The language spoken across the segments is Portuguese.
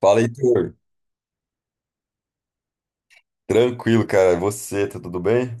Fala, Heitor. Tranquilo, cara. E você, tá tudo bem?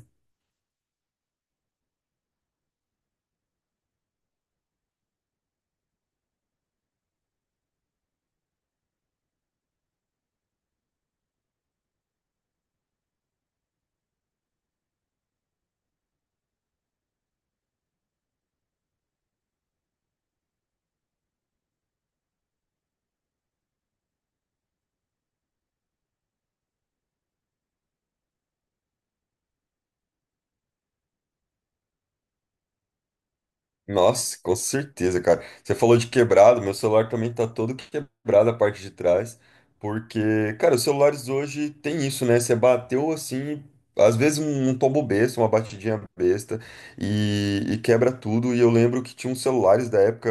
Nossa, com certeza, cara. Você falou de quebrado, meu celular também tá todo quebrado a parte de trás, porque, cara, os celulares hoje tem isso, né? Você bateu assim, às vezes um tombo besta, uma batidinha besta, e quebra tudo. E eu lembro que tinha uns celulares da época,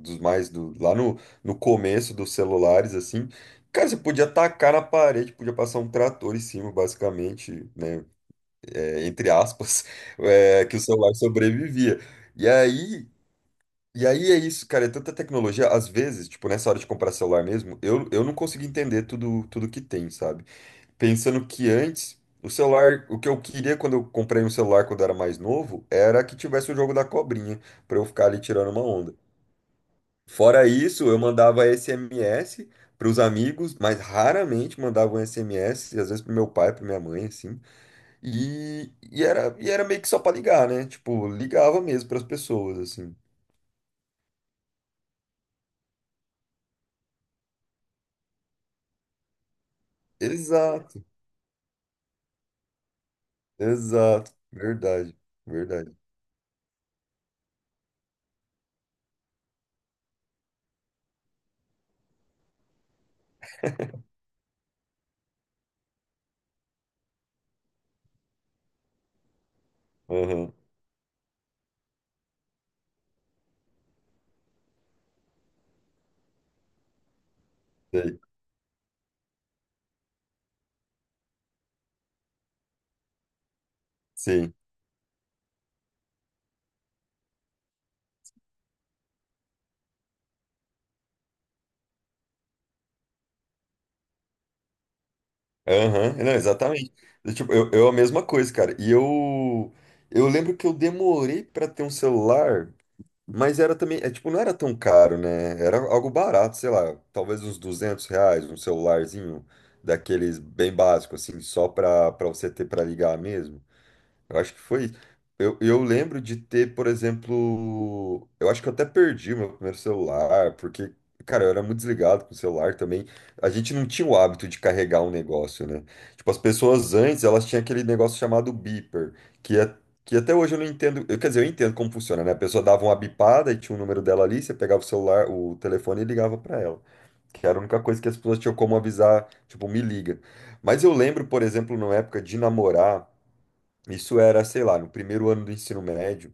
dos mais do, lá no, no começo dos celulares, assim. Cara, você podia tacar na parede, podia passar um trator em cima, basicamente, né? É, entre aspas, é, que o celular sobrevivia. E aí, e aí é isso, cara, é tanta tecnologia, às vezes, tipo, nessa hora de comprar celular mesmo, eu não consigo entender tudo, tudo que tem, sabe? Pensando que antes, o celular, o que eu queria quando eu comprei um celular quando eu era mais novo, era que tivesse o jogo da cobrinha, pra eu ficar ali tirando uma onda. Fora isso, eu mandava SMS para os amigos, mas raramente mandava um SMS, às vezes pro meu pai, para minha mãe, assim. E era meio que só pra ligar, né? Tipo, ligava mesmo pras pessoas, assim. Exato, exato. Verdade, verdade. Aham, sei, sim. Aham, não, exatamente. Eu, tipo, eu a mesma coisa, cara. E eu lembro que eu demorei pra ter um celular, mas era também, é, tipo, não era tão caro, né? Era algo barato, sei lá, talvez uns R$ 200, um celularzinho daqueles bem básico, assim, só pra, pra você ter pra ligar mesmo. Eu acho que foi isso. Eu lembro de ter, por exemplo, eu acho que eu até perdi o meu primeiro celular, porque, cara, eu era muito desligado com o celular também. A gente não tinha o hábito de carregar um negócio, né? Tipo, as pessoas antes, elas tinham aquele negócio chamado beeper, que, é, que até hoje eu não entendo. Eu, quer dizer, eu entendo como funciona, né? A pessoa dava uma bipada e tinha o número dela ali, você pegava o celular, o telefone e ligava pra ela. Que era a única coisa que as pessoas tinham como avisar, tipo, me liga. Mas eu lembro, por exemplo, na época de namorar. Isso era, sei lá, no primeiro ano do ensino médio,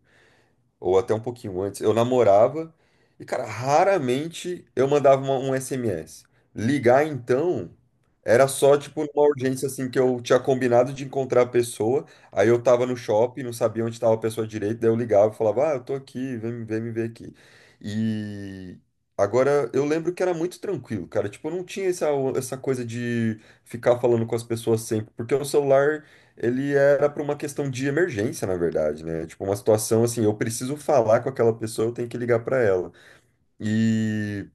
ou até um pouquinho antes, eu namorava e, cara, raramente eu mandava um SMS. Ligar, então, era só, tipo, uma urgência, assim, que eu tinha combinado de encontrar a pessoa, aí eu tava no shopping, não sabia onde estava a pessoa direito, daí eu ligava e falava, ah, eu tô aqui, vem, vem me ver aqui. E agora, eu lembro que era muito tranquilo, cara, tipo, eu não tinha essa, essa coisa de ficar falando com as pessoas sempre, porque o celular ele era para uma questão de emergência, na verdade, né? Tipo, uma situação assim, eu preciso falar com aquela pessoa, eu tenho que ligar para ela. E,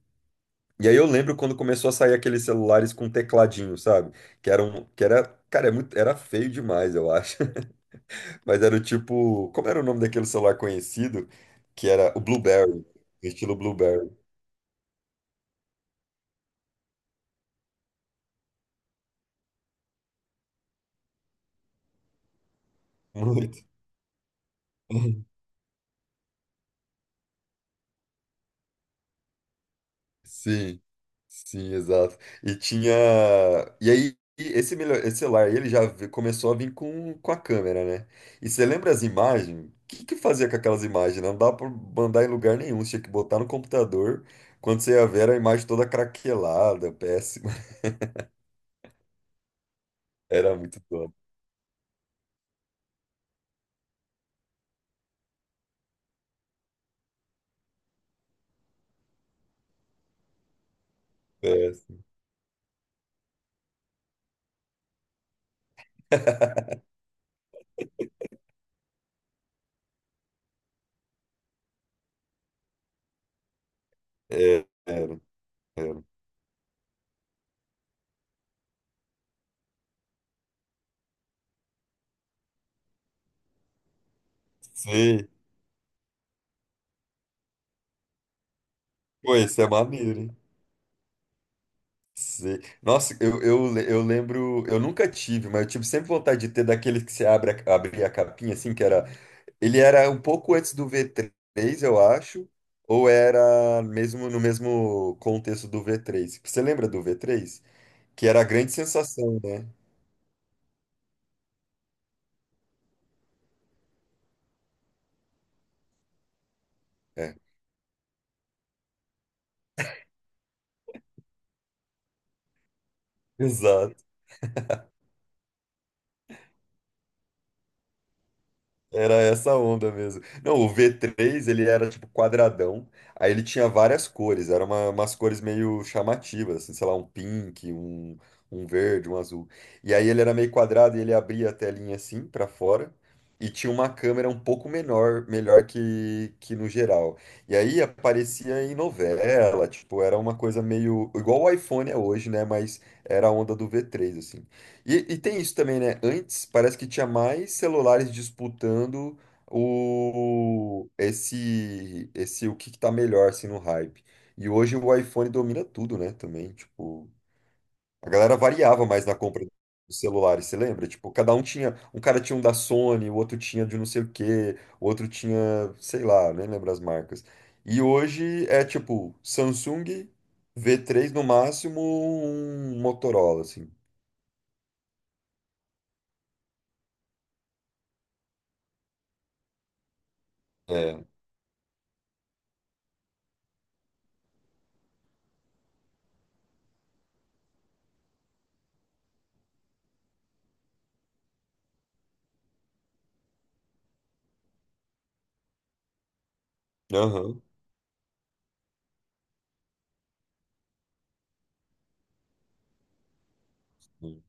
e aí eu lembro quando começou a sair aqueles celulares com tecladinho, sabe? Que era um, que era, cara, é muito, era feio demais, eu acho. Mas era o tipo, como era o nome daquele celular conhecido? Que era o Blueberry, estilo Blueberry. Muito. Sim, sim, exato. E tinha. E aí, esse, melhor, esse celular aí, ele já começou a vir com a câmera, né? E você lembra as imagens? O que que fazia com aquelas imagens? Não dá pra mandar em lugar nenhum, você tinha que botar no computador. Quando você ia ver, era a imagem toda craquelada, péssima. Era muito top, péssimo. É, era, era. Sim, pô, isso é maneiro, hein? Sei. Nossa, eu, eu lembro, eu nunca tive, mas eu tive sempre vontade de ter daqueles que você abre a, abria a capinha, assim, que era. Ele era um pouco antes do V3, eu acho, ou era mesmo no mesmo contexto do V3. Você lembra do V3? Que era a grande sensação, né? É. Exato. Era essa onda mesmo. Não, o v três ele era tipo quadradão, aí ele tinha várias cores, eram uma, umas cores meio chamativas, assim, sei lá, um pink, um verde, um azul. E aí ele era meio quadrado e ele abria a telinha assim pra fora e tinha uma câmera um pouco menor, melhor que no geral. E aí aparecia em novela, tipo, era uma coisa meio igual o iPhone é hoje, né? Mas era a onda do v três assim. E tem isso também, né? Antes parece que tinha mais celulares disputando o esse o que que tá melhor assim no hype. E hoje o iPhone domina tudo, né? Também, tipo, a galera variava mais na compra dos celulares, você lembra? Tipo, cada um tinha, um cara tinha um da Sony, o outro tinha de não sei o quê, o outro tinha, sei lá, nem lembro as marcas. E hoje é tipo Samsung V3 no máximo, um Motorola assim. É. Aham. Sim.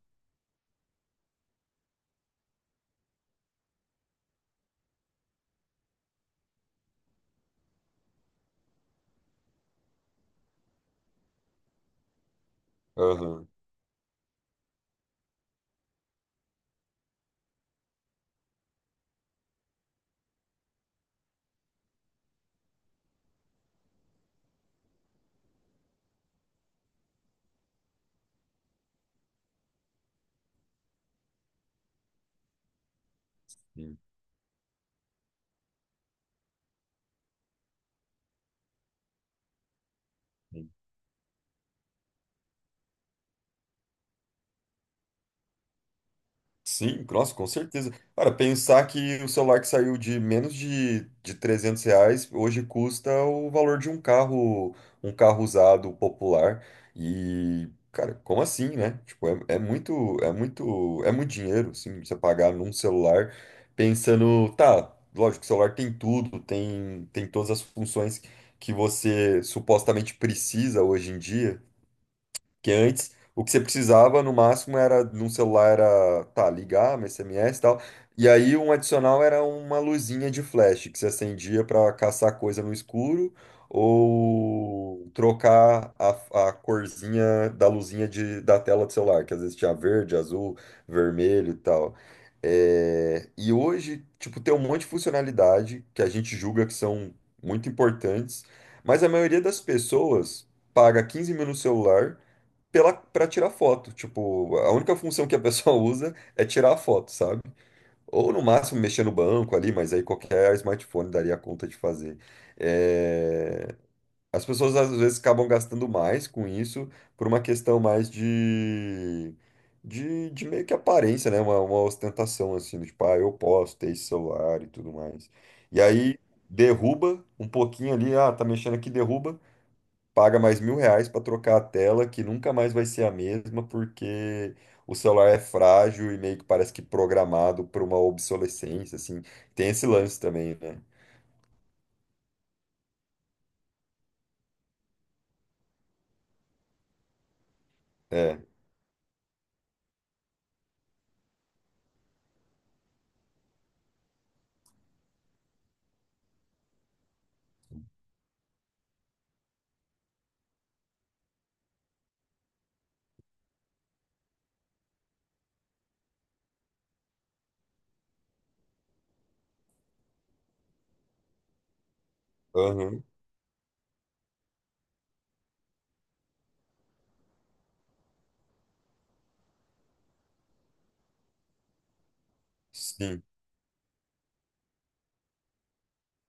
Aham. Sim, sim. Sim, nossa, com certeza. Cara, pensar que o celular que saiu de menos de R$ 300 hoje custa o valor de um carro usado popular. E, cara, como assim, né? Tipo, é, é muito, é muito, é muito dinheiro, assim, você pagar num celular pensando, tá, lógico, o celular tem tudo, tem, tem todas as funções que você supostamente precisa hoje em dia. Que antes, o que você precisava no máximo era, num celular era, tá, ligar, um SMS e tal. E aí um adicional era uma luzinha de flash que você acendia para caçar coisa no escuro ou trocar a corzinha da luzinha de, da tela do celular, que às vezes tinha verde, azul, vermelho e tal. É, e hoje, tipo, tem um monte de funcionalidade que a gente julga que são muito importantes, mas a maioria das pessoas paga 15 mil no celular pela, pra tirar foto. Tipo, a única função que a pessoa usa é tirar a foto, sabe? Ou no máximo mexer no banco ali, mas aí qualquer smartphone daria conta de fazer. É, as pessoas às vezes acabam gastando mais com isso por uma questão mais de. De meio que aparência, né? Uma ostentação assim, do tipo, ah, eu posso ter esse celular e tudo mais. E aí derruba um pouquinho ali, ah, tá mexendo aqui, derruba paga mais mil reais para trocar a tela, que nunca mais vai ser a mesma, porque o celular é frágil e meio que parece que programado para uma obsolescência, assim. Tem esse lance também, né? É. Aham. Sim.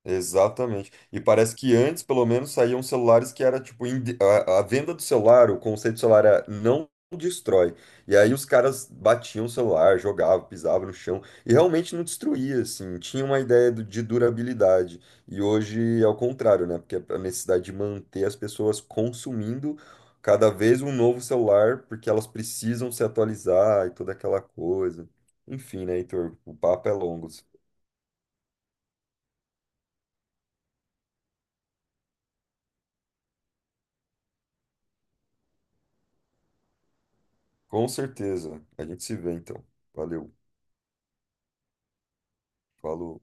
Exatamente. E parece que antes, pelo menos, saíam celulares que era tipo a venda do celular, o conceito do celular era não destrói. E aí os caras batiam o celular, jogavam, pisavam no chão e realmente não destruía, assim. Tinha uma ideia de durabilidade. E hoje é o contrário, né? Porque é a necessidade de manter as pessoas consumindo cada vez um novo celular, porque elas precisam se atualizar e toda aquela coisa. Enfim, né, Heitor? O papo é longo. Com certeza. A gente se vê então. Valeu. Falou.